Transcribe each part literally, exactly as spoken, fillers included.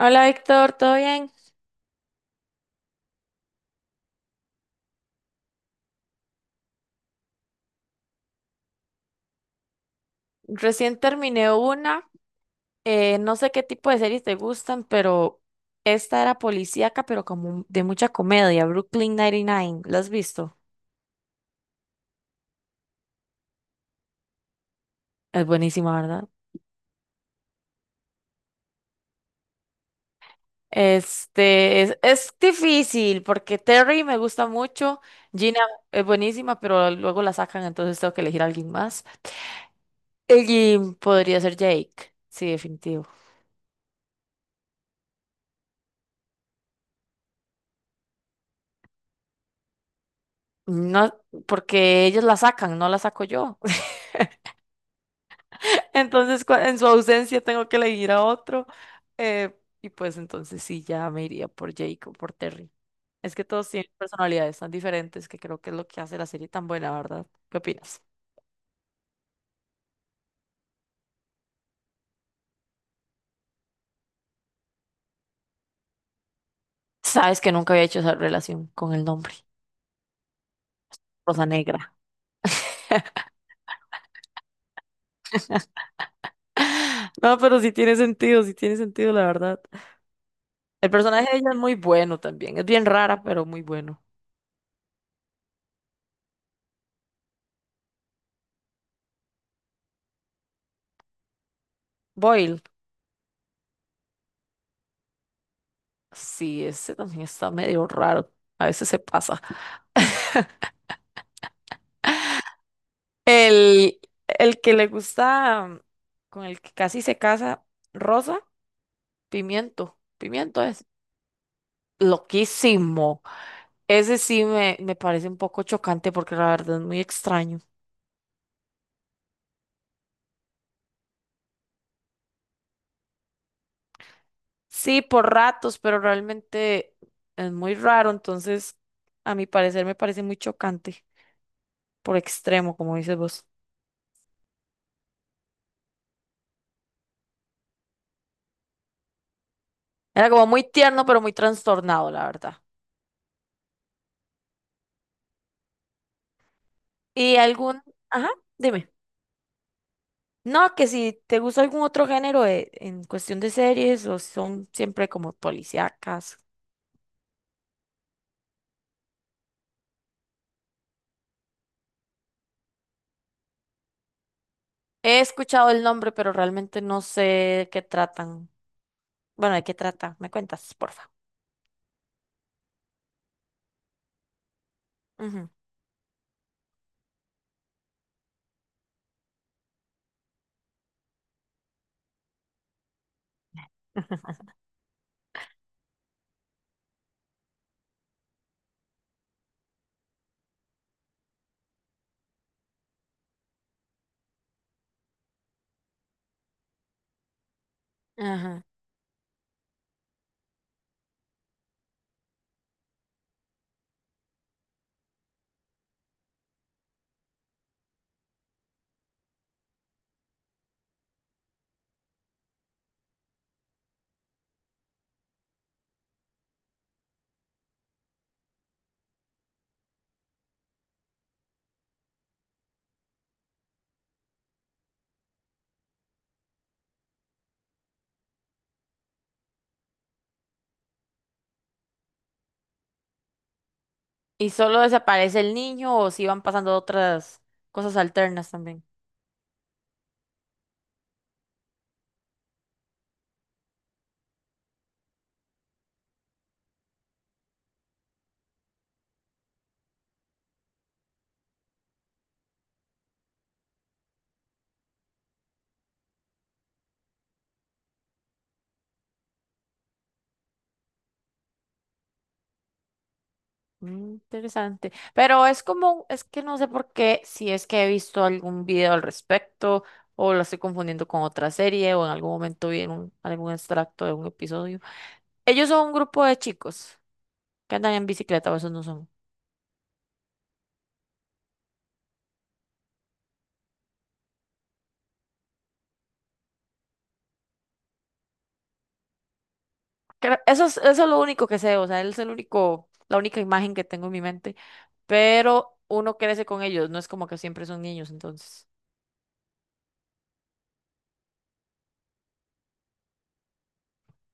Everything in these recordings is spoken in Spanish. Hola Víctor, ¿todo bien? Recién terminé una, eh, no sé qué tipo de series te gustan, pero esta era policíaca, pero como de mucha comedia, Brooklyn noventa y nueve, ¿la has visto? Es buenísima, ¿verdad? Este, es, es difícil porque Terry me gusta mucho, Gina es buenísima, pero luego la sacan, entonces tengo que elegir a alguien más. Y podría ser Jake, sí, definitivo. No, porque ellos la sacan, no la saco yo. Entonces, cua- en su ausencia tengo que elegir a otro. eh, y pues entonces sí, ya me iría por Jake o por Terry. Es que todos tienen personalidades tan diferentes que creo que es lo que hace la serie tan buena, ¿verdad? ¿Qué opinas? Sabes que nunca había hecho esa relación con el nombre, Rosa Negra. No, pero sí tiene sentido, sí tiene sentido, la verdad. El personaje de ella es muy bueno también. Es bien rara, pero muy bueno. Boyle, sí, ese también está medio raro. A veces se pasa. El, el que le gusta, con el que casi se casa, Rosa, Pimiento. Pimiento es loquísimo. Ese sí me, me parece un poco chocante porque la verdad es muy extraño. Sí, por ratos, pero realmente es muy raro, entonces a mi parecer me parece muy chocante, por extremo, como dices vos. Era como muy tierno, pero muy trastornado, la verdad. ¿Y algún...? Ajá, dime. No, que si te gusta algún otro género de- en cuestión de series o son siempre como policíacas. He escuchado el nombre, pero realmente no sé de qué tratan. Bueno, ¿de qué trata? ¿Me cuentas, porfa? Ujú, Ajá. ¿Y solo desaparece el niño o si van pasando otras cosas alternas también? Mm, interesante. Pero es como, es que no sé por qué, si es que he visto algún video al respecto o lo estoy confundiendo con otra serie o en algún momento vi en un- algún extracto de un episodio. Ellos son un grupo de chicos que andan en bicicleta, o esos no son. Cre- Eso es, eso es lo único que sé, o sea, él es el único, la única imagen que tengo en mi mente. Pero uno crece con ellos, no es como que siempre son niños, entonces.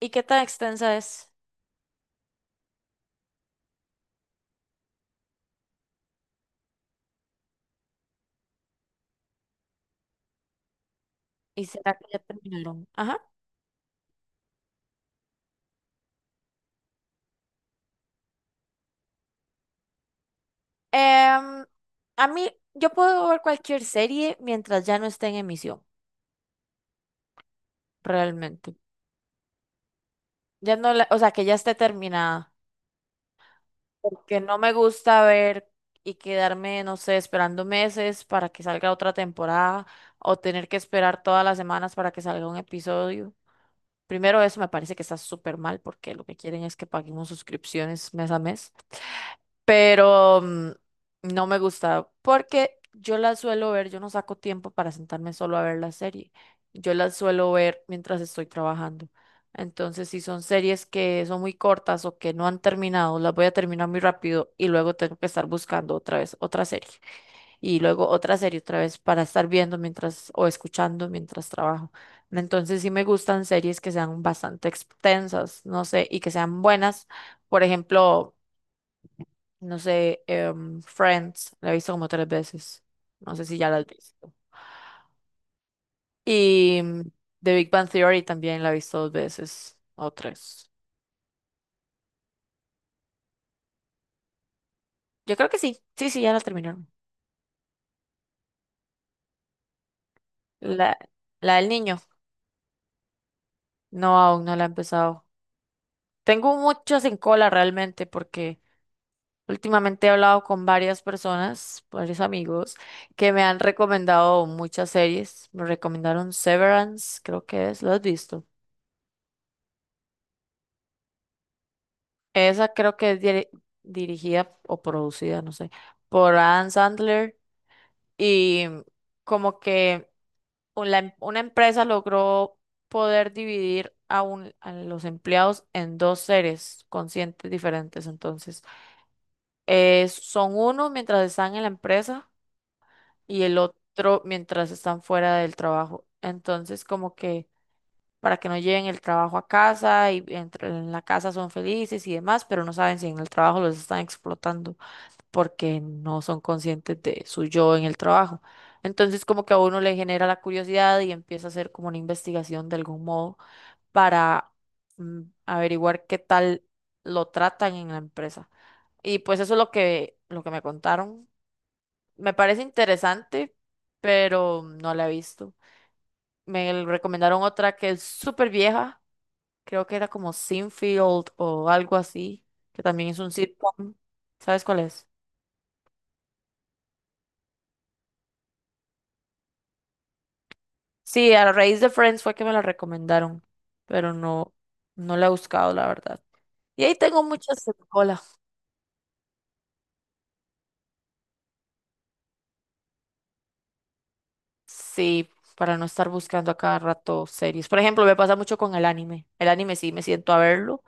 ¿Y qué tan extensa es? ¿Y será que ya terminaron? Ajá. Em, a mí, yo puedo ver cualquier serie mientras ya no esté en emisión, realmente. Ya no la- o sea, que ya esté terminada. Porque no me gusta ver y quedarme, no sé, esperando meses para que salga otra temporada o tener que esperar todas las semanas para que salga un episodio. Primero, eso me parece que está súper mal porque lo que quieren es que paguemos suscripciones mes a mes, pero mm, no me gusta porque yo las suelo ver, yo no saco tiempo para sentarme solo a ver la serie, yo las suelo ver mientras estoy trabajando. Entonces, si son series que son muy cortas o que no han terminado, las voy a terminar muy rápido y luego tengo que estar buscando otra vez otra serie y luego otra serie otra vez para estar viendo mientras o escuchando mientras trabajo. Entonces, sí me gustan series que sean bastante extensas, no sé, y que sean buenas. Por ejemplo, no sé, em, Friends, la he visto como tres veces. No sé si ya la has visto. Y mm, The Big Bang Theory también la he visto dos veces o tres. Yo creo que sí. Sí, sí, ya la terminaron. La, la del niño. No, aún no la he empezado. Tengo muchas en cola realmente porque últimamente he hablado con varias personas, varios amigos, que me han recomendado muchas series. Me recomendaron Severance, creo que es. ¿Lo has visto? Esa creo que es diri- dirigida o producida, no sé, por Adam Sandler y como que una em- una empresa logró poder dividir a, un- a los empleados en dos seres conscientes diferentes. Entonces, eh, son uno mientras están en la empresa y el otro mientras están fuera del trabajo. Entonces, como que para que no lleven el trabajo a casa y entre- en la casa son felices y demás, pero no saben si en el trabajo los están explotando. Porque no son conscientes de su yo en el trabajo. Entonces, como que a uno le genera la curiosidad y empieza a hacer como una investigación de algún modo para mm, averiguar qué tal lo tratan en la empresa. Y pues eso es lo que, lo que me contaron. Me parece interesante, pero no la he visto. Me l- recomendaron otra que es súper vieja, creo que era como Sinfield o algo así, que también es un sitcom. ¿Sabes cuál es? Sí, a raíz de Friends fue que me la recomendaron, pero no, no la he buscado, la verdad. Y ahí tengo muchas en cola. Sí, para no estar buscando a cada rato series. Por ejemplo, me pasa mucho con el anime. El anime sí me siento a verlo,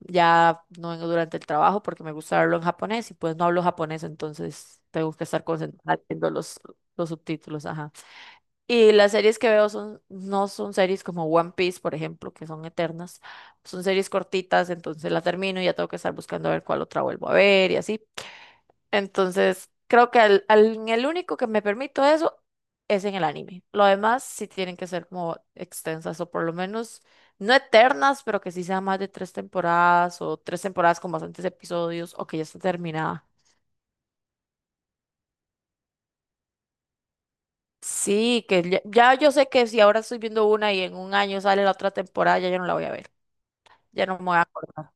ya no vengo durante el trabajo porque me gusta verlo en japonés y pues no hablo japonés, entonces tengo que estar concentrada viendo los, los subtítulos, ajá. Y las series que veo son, no son series como One Piece, por ejemplo, que son eternas. Son series cortitas, entonces la termino y ya tengo que estar buscando a ver cuál otra vuelvo a ver y así. Entonces, creo que al, al- en el único que me permito eso es en el anime. Lo demás sí tienen que ser como extensas o por lo menos no eternas, pero que sí sean más de tres temporadas o tres temporadas con bastantes episodios o que ya está terminada. Sí, que ya, ya yo sé que si ahora estoy viendo una y en un año sale la otra temporada, ya yo no la voy a ver. Ya no me voy a acordar.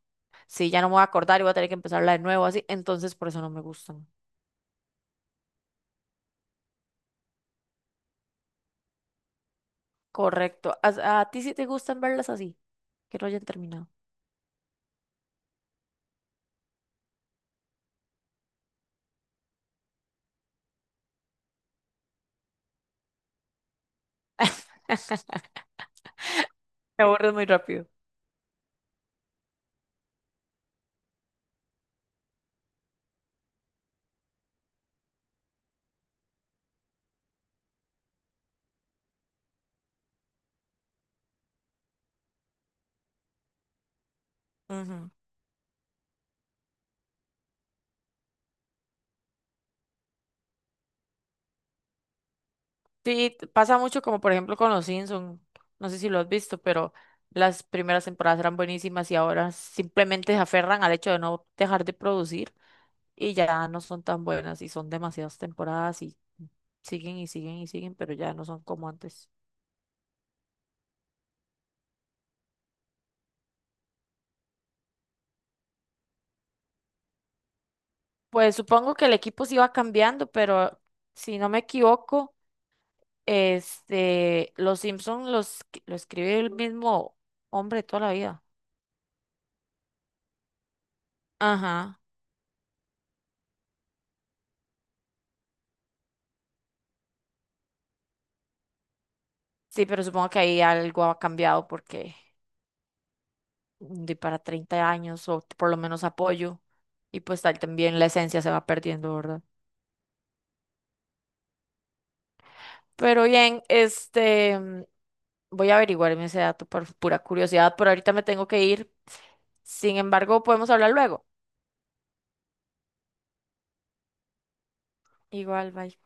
Sí, ya no me voy a acordar y voy a tener que empezarla de nuevo así. Entonces, por eso no me gustan. Correcto. ¿A, a ti sí te gustan verlas así? Que no hayan terminado. Me aburres muy rápido. Ujú. Sí, t- pasa mucho como por ejemplo con los Simpsons. No sé si lo has visto, pero las primeras temporadas eran buenísimas y ahora simplemente se aferran al hecho de no dejar de producir y ya no son tan buenas y son demasiadas temporadas y siguen y siguen y siguen, pero ya no son como antes. Pues supongo que el equipo se iba cambiando, pero si no me equivoco, este, los Simpson los que- lo escribe el mismo hombre toda la vida. Ajá. Sí, pero supongo que ahí algo ha cambiado porque de para treinta años o por lo menos apoyo y pues tal también la esencia se va perdiendo, ¿verdad? Pero bien, este, mm, voy a averiguarme ese dato por pura curiosidad, por ahorita me tengo que ir. Sin embargo, podemos hablar luego. Igual, bye.